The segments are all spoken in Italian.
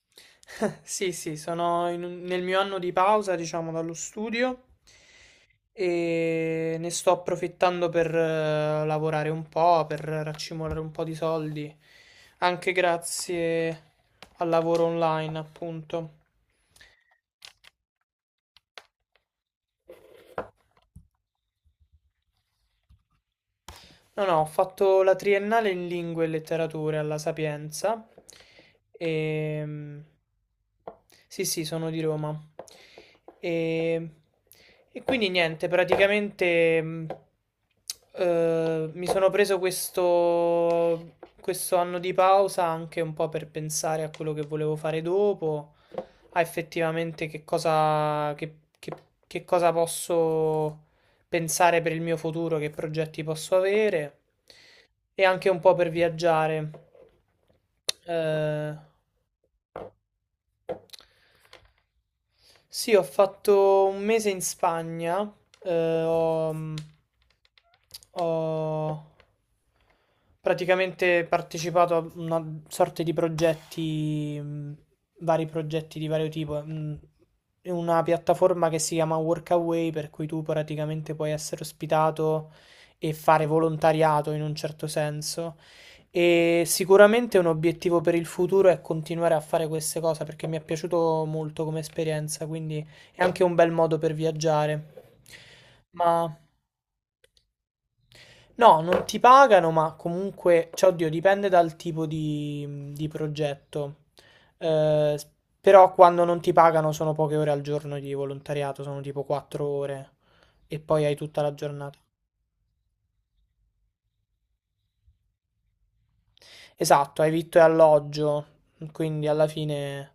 Sì, sì, sono nel mio anno di pausa, diciamo, dallo studio, e ne sto approfittando per lavorare un po', per raccimolare un po' di soldi, anche grazie al lavoro online, appunto. No, no, ho fatto la triennale in lingue e letterature alla Sapienza. E... Sì, sì, sono di Roma. E, e quindi niente, praticamente mi sono questo anno di pausa anche un po' per pensare a quello che volevo fare dopo, a effettivamente che cosa posso pensare per il mio futuro, che progetti posso avere e anche un po' per viaggiare. Eh, sì, ho fatto un mese in Spagna, eh, ho, mh, ho praticamente partecipato a una sorta di vari progetti di vario tipo, in una piattaforma che si chiama Workaway, per cui tu praticamente puoi essere ospitato e fare volontariato in un certo senso. E sicuramente un obiettivo per il futuro è continuare a fare queste cose perché mi è piaciuto molto come esperienza, quindi è anche un bel modo per viaggiare. Ma no, non ti pagano, ma comunque, cioè, oddio, dipende dal di progetto. Eh, s- Però quando non ti pagano sono poche ore al giorno di volontariato, sono tipo 4 ore e poi hai tutta la giornata. Esatto, hai vitto e alloggio, quindi alla fine.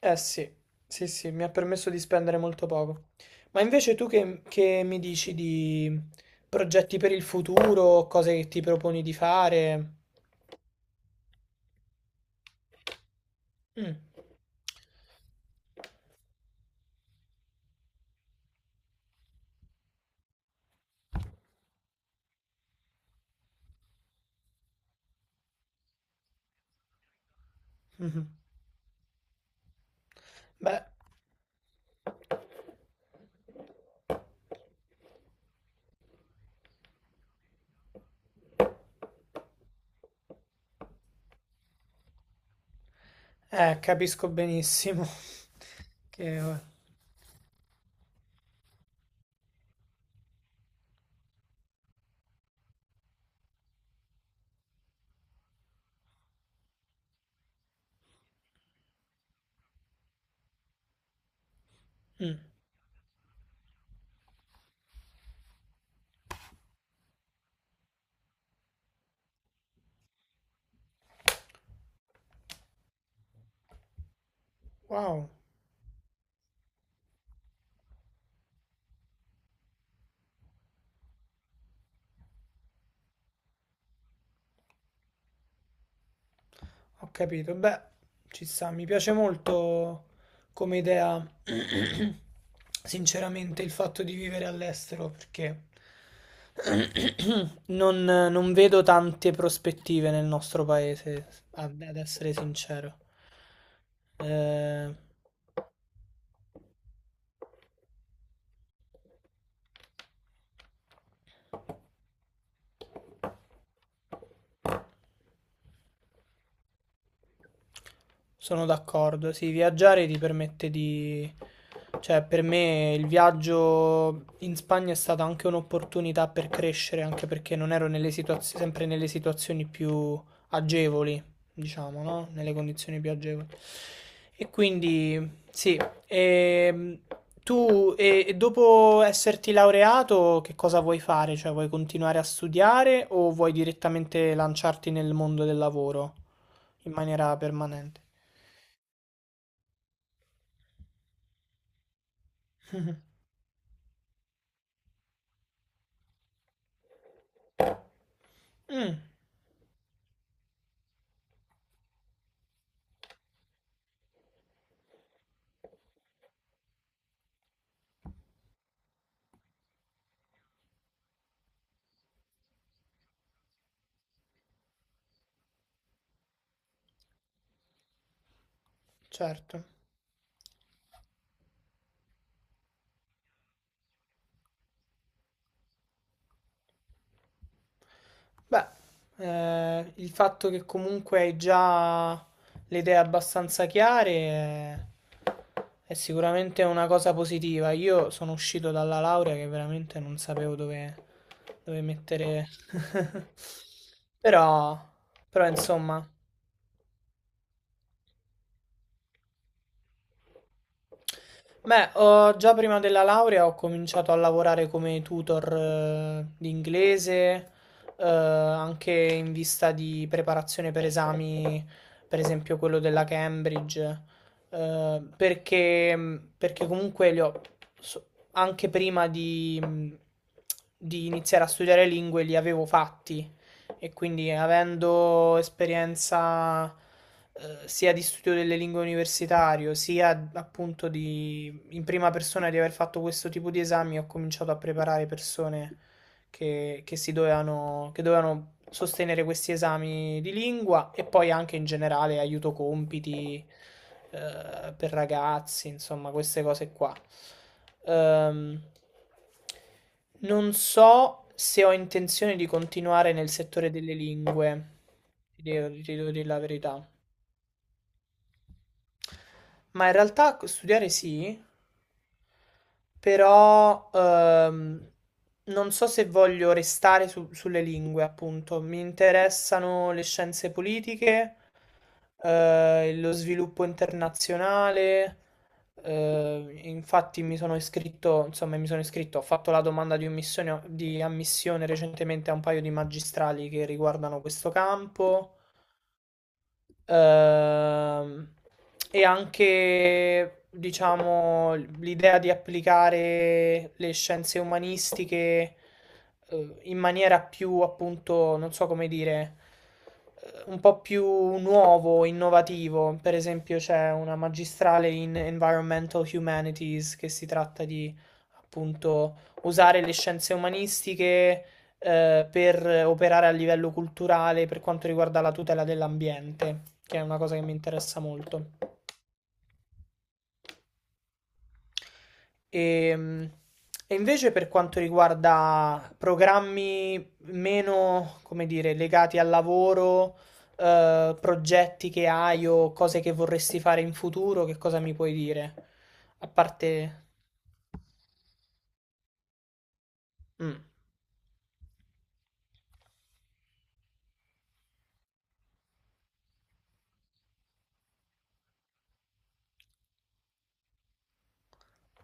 Eh sì, sì, sì, mi ha permesso di spendere molto poco. Ma invece tu che mi dici di progetti per il futuro, cose che ti proponi di fare? Mm, mhm. Beh, capisco benissimo che... oh, mm. Wow. Ho capito, beh, ci sta, mi piace molto come idea, sinceramente, il fatto di vivere all'estero perché non vedo tante prospettive nel nostro paese, ad essere sincero. Eh. Sono d'accordo, sì, viaggiare ti permette di... Cioè, per me il viaggio in Spagna è stata anche un'opportunità per crescere, anche perché non ero nelle situazio- sempre nelle situazioni più agevoli, diciamo, no? Nelle condizioni più agevoli. E quindi, sì, ehm, tu e dopo esserti laureato, che cosa vuoi fare? Cioè, vuoi continuare a studiare o vuoi direttamente lanciarti nel mondo del lavoro in maniera permanente? Mh. Mh. Certo. Beh, il fatto che comunque hai già le idee abbastanza chiare è sicuramente una cosa positiva. Io sono uscito dalla laurea che veramente non sapevo dove mettere. Però, però insomma. Già prima della laurea ho cominciato a lavorare come tutor di inglese, anche in vista di preparazione per esami, per esempio quello della Cambridge, eh, perché, perché comunque so- anche prima di iniziare a studiare lingue li avevo fatti, e quindi avendo esperienza sia di studio delle lingue universitario, sia appunto in prima persona di aver fatto questo tipo di esami, ho cominciato a preparare persone che dovevano sostenere questi esami di lingua e poi anche in generale aiuto compiti per ragazzi, insomma, queste cose qua. Ehm, non so se ho intenzione di continuare nel settore delle lingue, ti devo dire la verità, ma in realtà studiare sì. Però non so se voglio sulle lingue, appunto. Mi interessano le scienze politiche, lo sviluppo internazionale. Infatti mi sono iscritto, ho fatto la domanda di ammissione recentemente a un paio di magistrali che riguardano questo campo. Ehm, e anche, diciamo, l'idea di applicare le scienze umanistiche in maniera più, appunto, non so come dire, un po' più nuovo, innovativo. Per esempio, c'è una magistrale in Environmental Humanities che si tratta di, appunto, usare le scienze umanistiche per operare a livello culturale per quanto riguarda la tutela dell'ambiente, che è una cosa che mi interessa molto. E, e invece per quanto riguarda programmi meno, come dire, legati al lavoro, progetti che hai o cose che vorresti fare in futuro, che cosa mi puoi dire? A parte... Mm,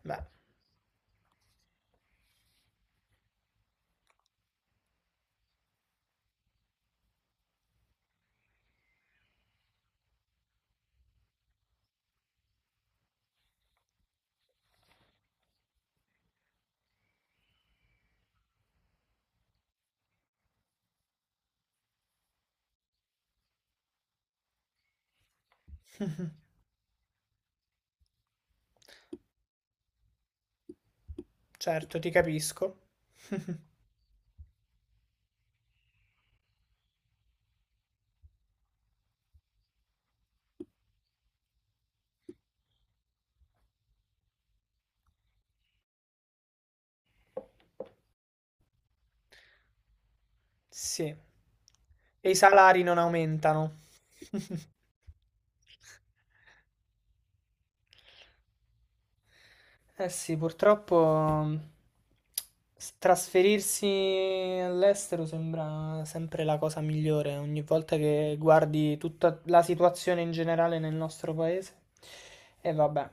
beh, certo, ti capisco. Sì. E i salari non aumentano. Eh sì, purtroppo mm, trasferirsi all'estero sembra sempre la cosa migliore. Ogni volta che guardi tutta la situazione in generale nel nostro paese. E vabbè.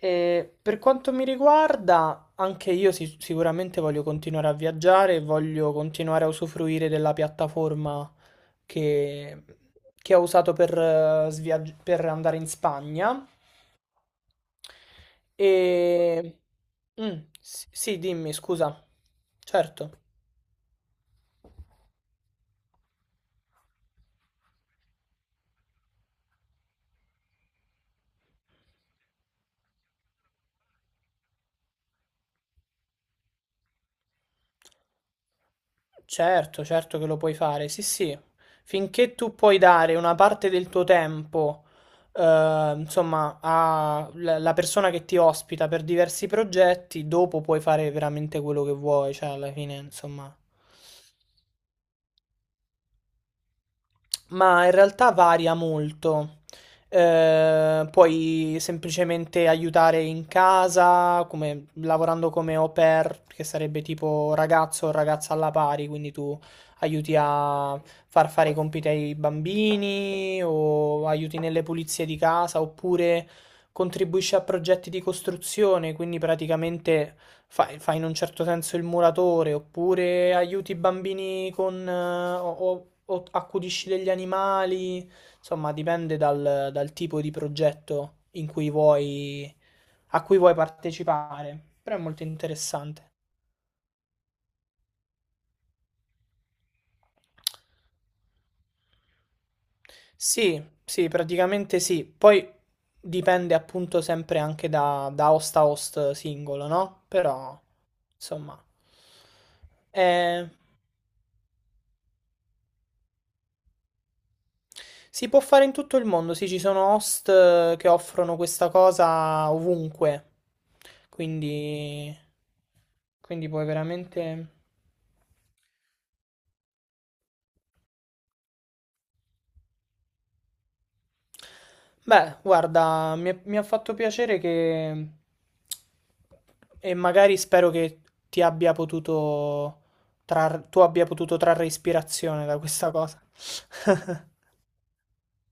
E per quanto mi riguarda, anche io sicuramente voglio continuare a viaggiare, e voglio continuare a usufruire della piattaforma che, che ho usato per per andare in Spagna. E... mm, sì, dimmi, scusa. Certo, certo che lo puoi fare. Sì, sì. Finché tu puoi dare una parte del tuo tempo, insomma, alla persona che ti ospita per diversi progetti, dopo puoi fare veramente quello che vuoi. Cioè, alla fine, insomma. Ma in realtà varia molto. Puoi semplicemente aiutare in casa, come, lavorando come au pair, che sarebbe tipo ragazzo o ragazza alla pari, quindi tu aiuti a far fare i compiti ai bambini o aiuti nelle pulizie di casa, oppure contribuisci a progetti di costruzione, quindi praticamente fai in un certo senso il muratore, oppure aiuti i bambini con, o accudisci degli animali, insomma, dipende dal tipo di progetto a cui vuoi partecipare. Però è molto interessante. Sì, sì, praticamente sì. Poi dipende appunto sempre anche da host a host singolo, no? Però, insomma, è. Si può fare in tutto il mondo, sì, ci sono host che offrono questa cosa ovunque, quindi, quindi puoi veramente... Beh, guarda, mi ha fatto piacere che... e magari spero che ti abbia potuto... tu abbia potuto trarre ispirazione da questa cosa.